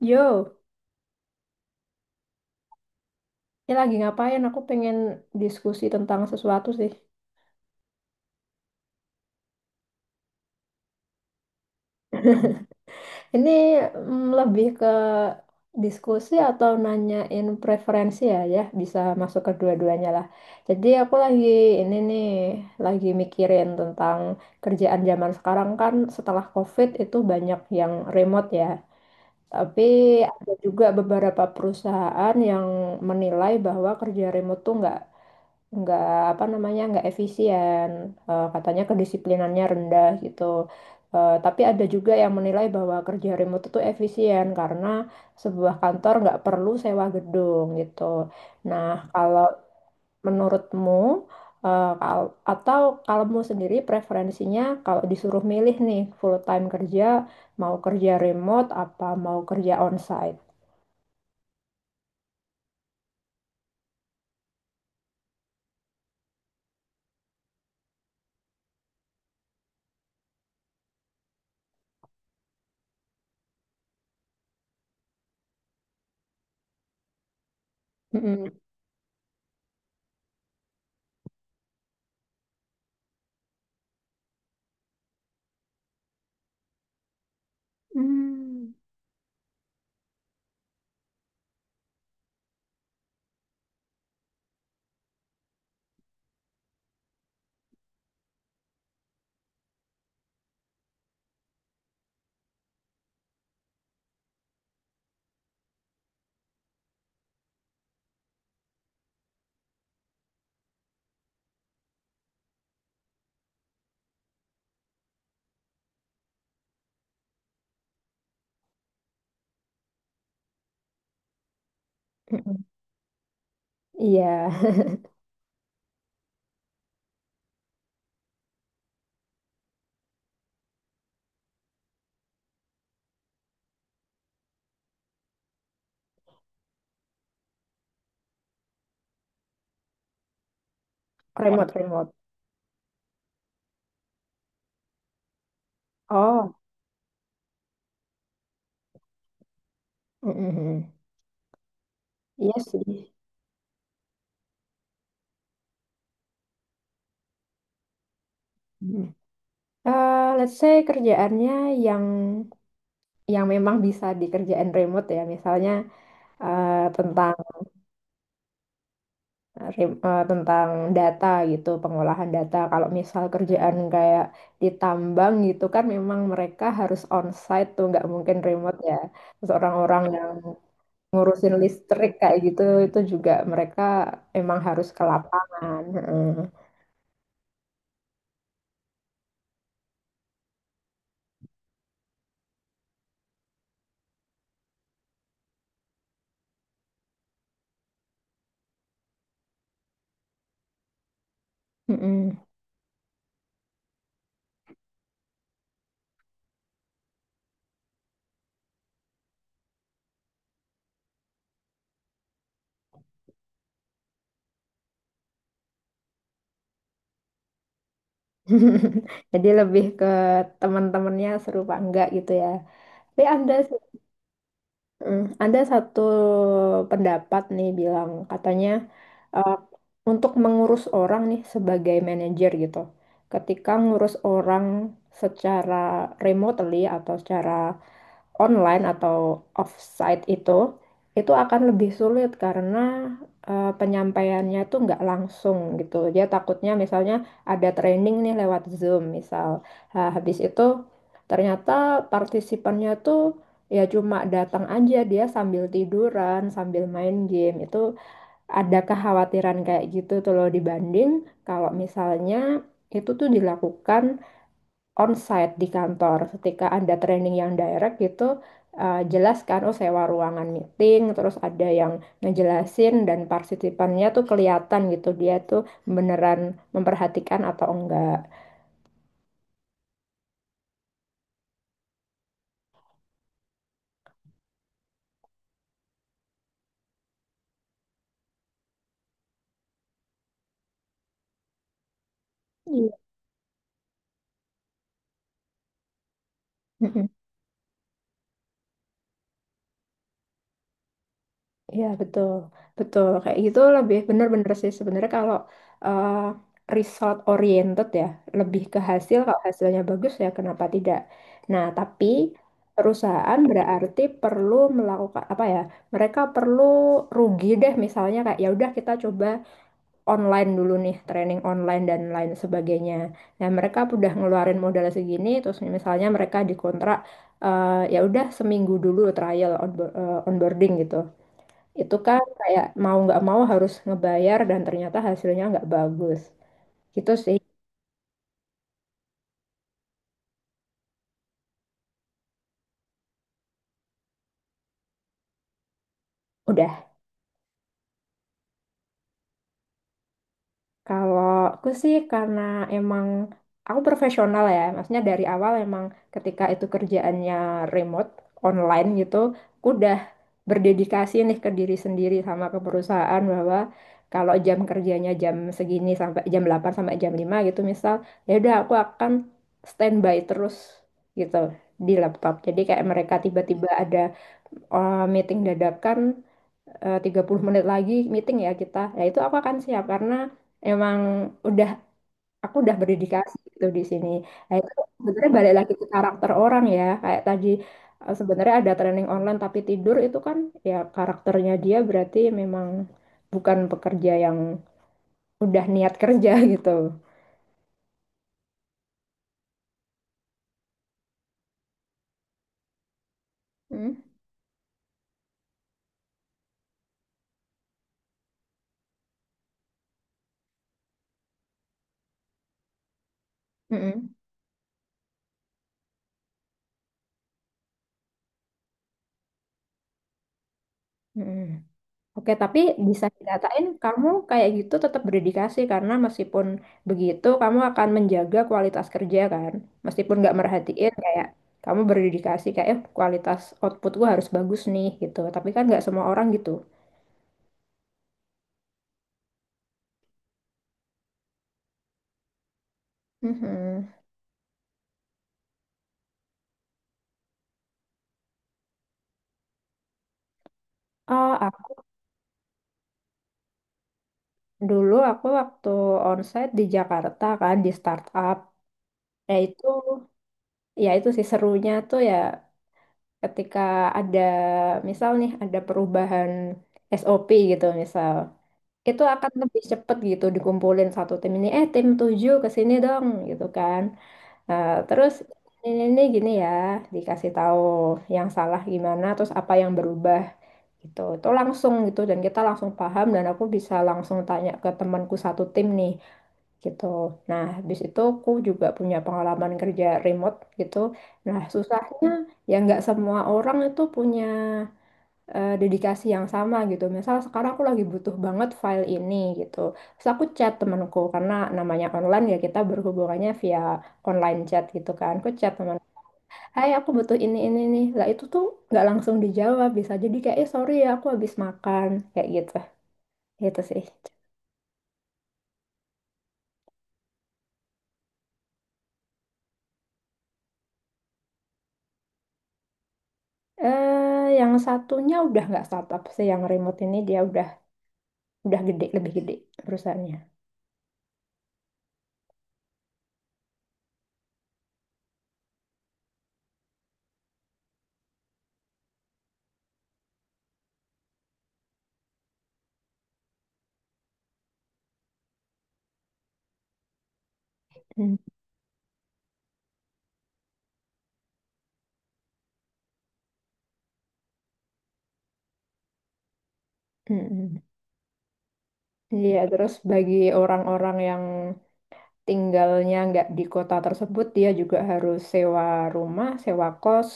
Yo, ini lagi ngapain? Aku pengen diskusi tentang sesuatu sih. Ini lebih ke diskusi atau nanyain preferensi ya, ya bisa masuk ke dua-duanya lah. Jadi aku lagi ini nih, lagi mikirin tentang kerjaan zaman sekarang kan setelah COVID itu banyak yang remote ya. Tapi ada juga beberapa perusahaan yang menilai bahwa kerja remote tuh nggak apa namanya nggak efisien. Katanya kedisiplinannya rendah gitu. Tapi ada juga yang menilai bahwa kerja remote itu efisien karena sebuah kantor nggak perlu sewa gedung gitu. Nah, kalau menurutmu, atau kalau mu sendiri preferensinya kalau disuruh milih nih full time kerja, mau kerja remote apa mau kerja onsite? Mm-mm. Hmm. Mm-mm. Iya. Remote remote. Oh. Mm-mm. Iya sih. Mm. Let's say kerjaannya yang yang memang bisa dikerjain remote ya, misalnya eh, tentang tentang data gitu, pengolahan data. Kalau misal kerjaan kayak di tambang gitu kan, memang mereka harus onsite tuh, nggak mungkin remote ya. Terus orang-orang yang ngurusin listrik kayak gitu, itu juga mereka emang harus ke lapangan. Heeh. Mm-mm. Jadi lebih ke teman-temannya seru apa enggak gitu ya. Tapi Anda, Anda satu pendapat nih bilang katanya eh, untuk mengurus orang nih sebagai manajer gitu. Ketika ngurus orang secara remotely atau secara online atau offsite itu akan lebih sulit karena penyampaiannya tuh nggak langsung gitu. Dia takutnya misalnya ada training nih lewat Zoom misal. Nah, habis itu ternyata partisipannya tuh ya cuma datang aja dia sambil tiduran, sambil main game. Itu ada kekhawatiran kayak gitu tuh loh dibanding kalau misalnya itu tuh dilakukan onsite di kantor. Ketika ada training yang direct gitu, jelas kan, oh sewa ruangan meeting, terus ada yang ngejelasin dan partisipannya tuh kelihatan gitu dia tuh beneran memperhatikan atau enggak. Iya. Iya betul, betul kayak gitu lebih bener-bener sih sebenarnya kalau eh, result oriented ya, lebih ke hasil, kalau hasilnya bagus ya kenapa tidak. Nah tapi perusahaan berarti perlu melakukan apa ya? Mereka perlu rugi deh misalnya kayak ya udah kita coba online dulu nih training online dan lain sebagainya. Nah mereka udah ngeluarin modal segini terus misalnya mereka dikontrak, ya udah seminggu dulu trial onboarding gitu. Itu kan kayak mau nggak mau harus ngebayar dan ternyata hasilnya nggak bagus. Gitu sih. Udah. Kalau aku sih karena emang aku profesional ya. Maksudnya dari awal emang ketika itu kerjaannya remote, online gitu, aku udah berdedikasi nih ke diri sendiri sama ke perusahaan bahwa kalau jam kerjanya jam segini sampai jam 8 sampai jam 5 gitu misal, ya udah aku akan standby terus gitu di laptop. Jadi kayak mereka tiba-tiba ada meeting dadakan, 30 menit lagi meeting ya kita. Nah, itu aku akan siap karena emang udah aku udah berdedikasi gitu di sini. Nah, itu sebenarnya balik lagi ke karakter orang ya. Kayak tadi sebenarnya ada training online tapi tidur itu kan ya karakternya dia berarti memang bukan pekerja yang udah niat kerja gitu. Hmm? Mm-mm. Mm-mm. Oke, tapi bisa dikatain kamu kayak gitu tetap berdedikasi karena meskipun begitu kamu akan menjaga kualitas kerja kan. Meskipun nggak merhatiin, kayak kamu berdedikasi kayak, "Eh, kualitas output gua harus bagus nih," gitu. Tapi kan nggak semua orang gitu. Mhm. Aku dulu waktu onsite di Jakarta kan di startup. Ya itu, ya itu sih serunya tuh ya ketika ada misal nih ada perubahan SOP gitu misal. Itu akan lebih cepet gitu dikumpulin satu tim ini eh tim 7 ke sini dong gitu kan. Nah, terus ini gini ya, dikasih tahu yang salah gimana terus apa yang berubah gitu, itu langsung gitu dan kita langsung paham dan aku bisa langsung tanya ke temanku satu tim nih gitu. Nah, habis itu aku juga punya pengalaman kerja remote gitu. Nah, susahnya ya nggak semua orang itu punya dedikasi yang sama gitu. Misal sekarang aku lagi butuh banget file ini gitu. Terus aku chat temanku karena namanya online ya kita berhubungannya via online chat gitu kan. Aku chat teman, "Hai, aku butuh ini nih." Lah itu tuh nggak langsung dijawab, bisa jadi kayak, "Eh, sorry ya, aku habis makan." Kayak gitu. Gitu sih. Yang satunya udah nggak startup sih, yang remote ini dia udah lebih gede perusahaannya. Hmm, hmm, hmm. Iya, terus bagi orang-orang yang tinggalnya nggak di kota tersebut, dia juga harus sewa rumah, sewa kos.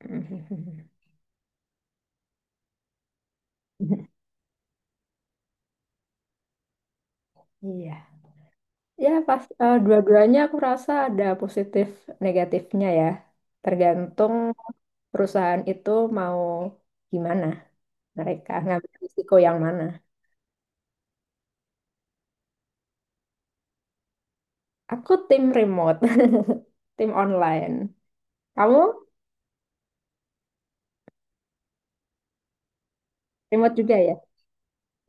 Iya. Ya, pas dua-duanya aku rasa ada positif negatifnya ya. Tergantung perusahaan itu mau gimana mereka ngambil risiko yang mana. Aku tim remote, tim online. Kamu remote juga ya?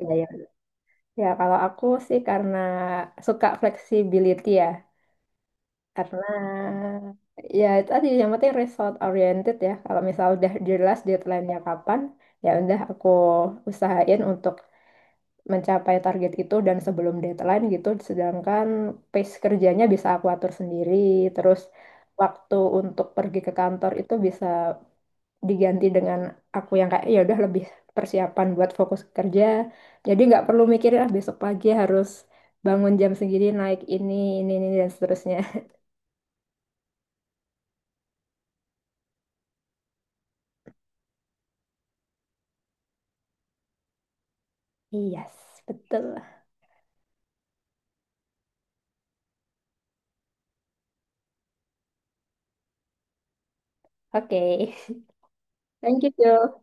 Iya, ya. Ya, kalau aku sih karena suka flexibility ya. Karena ya itu tadi yang penting result oriented ya. Kalau misal udah jelas deadline-nya kapan, ya udah aku usahain untuk mencapai target itu dan sebelum deadline gitu. Sedangkan pace kerjanya bisa aku atur sendiri. Terus waktu untuk pergi ke kantor itu bisa diganti dengan aku yang kayak ya udah lebih persiapan buat fokus kerja. Jadi nggak perlu mikirin ah besok pagi harus bangun jam segini naik ini dan seterusnya. Yes, betul. Oke. Thank you, Jo.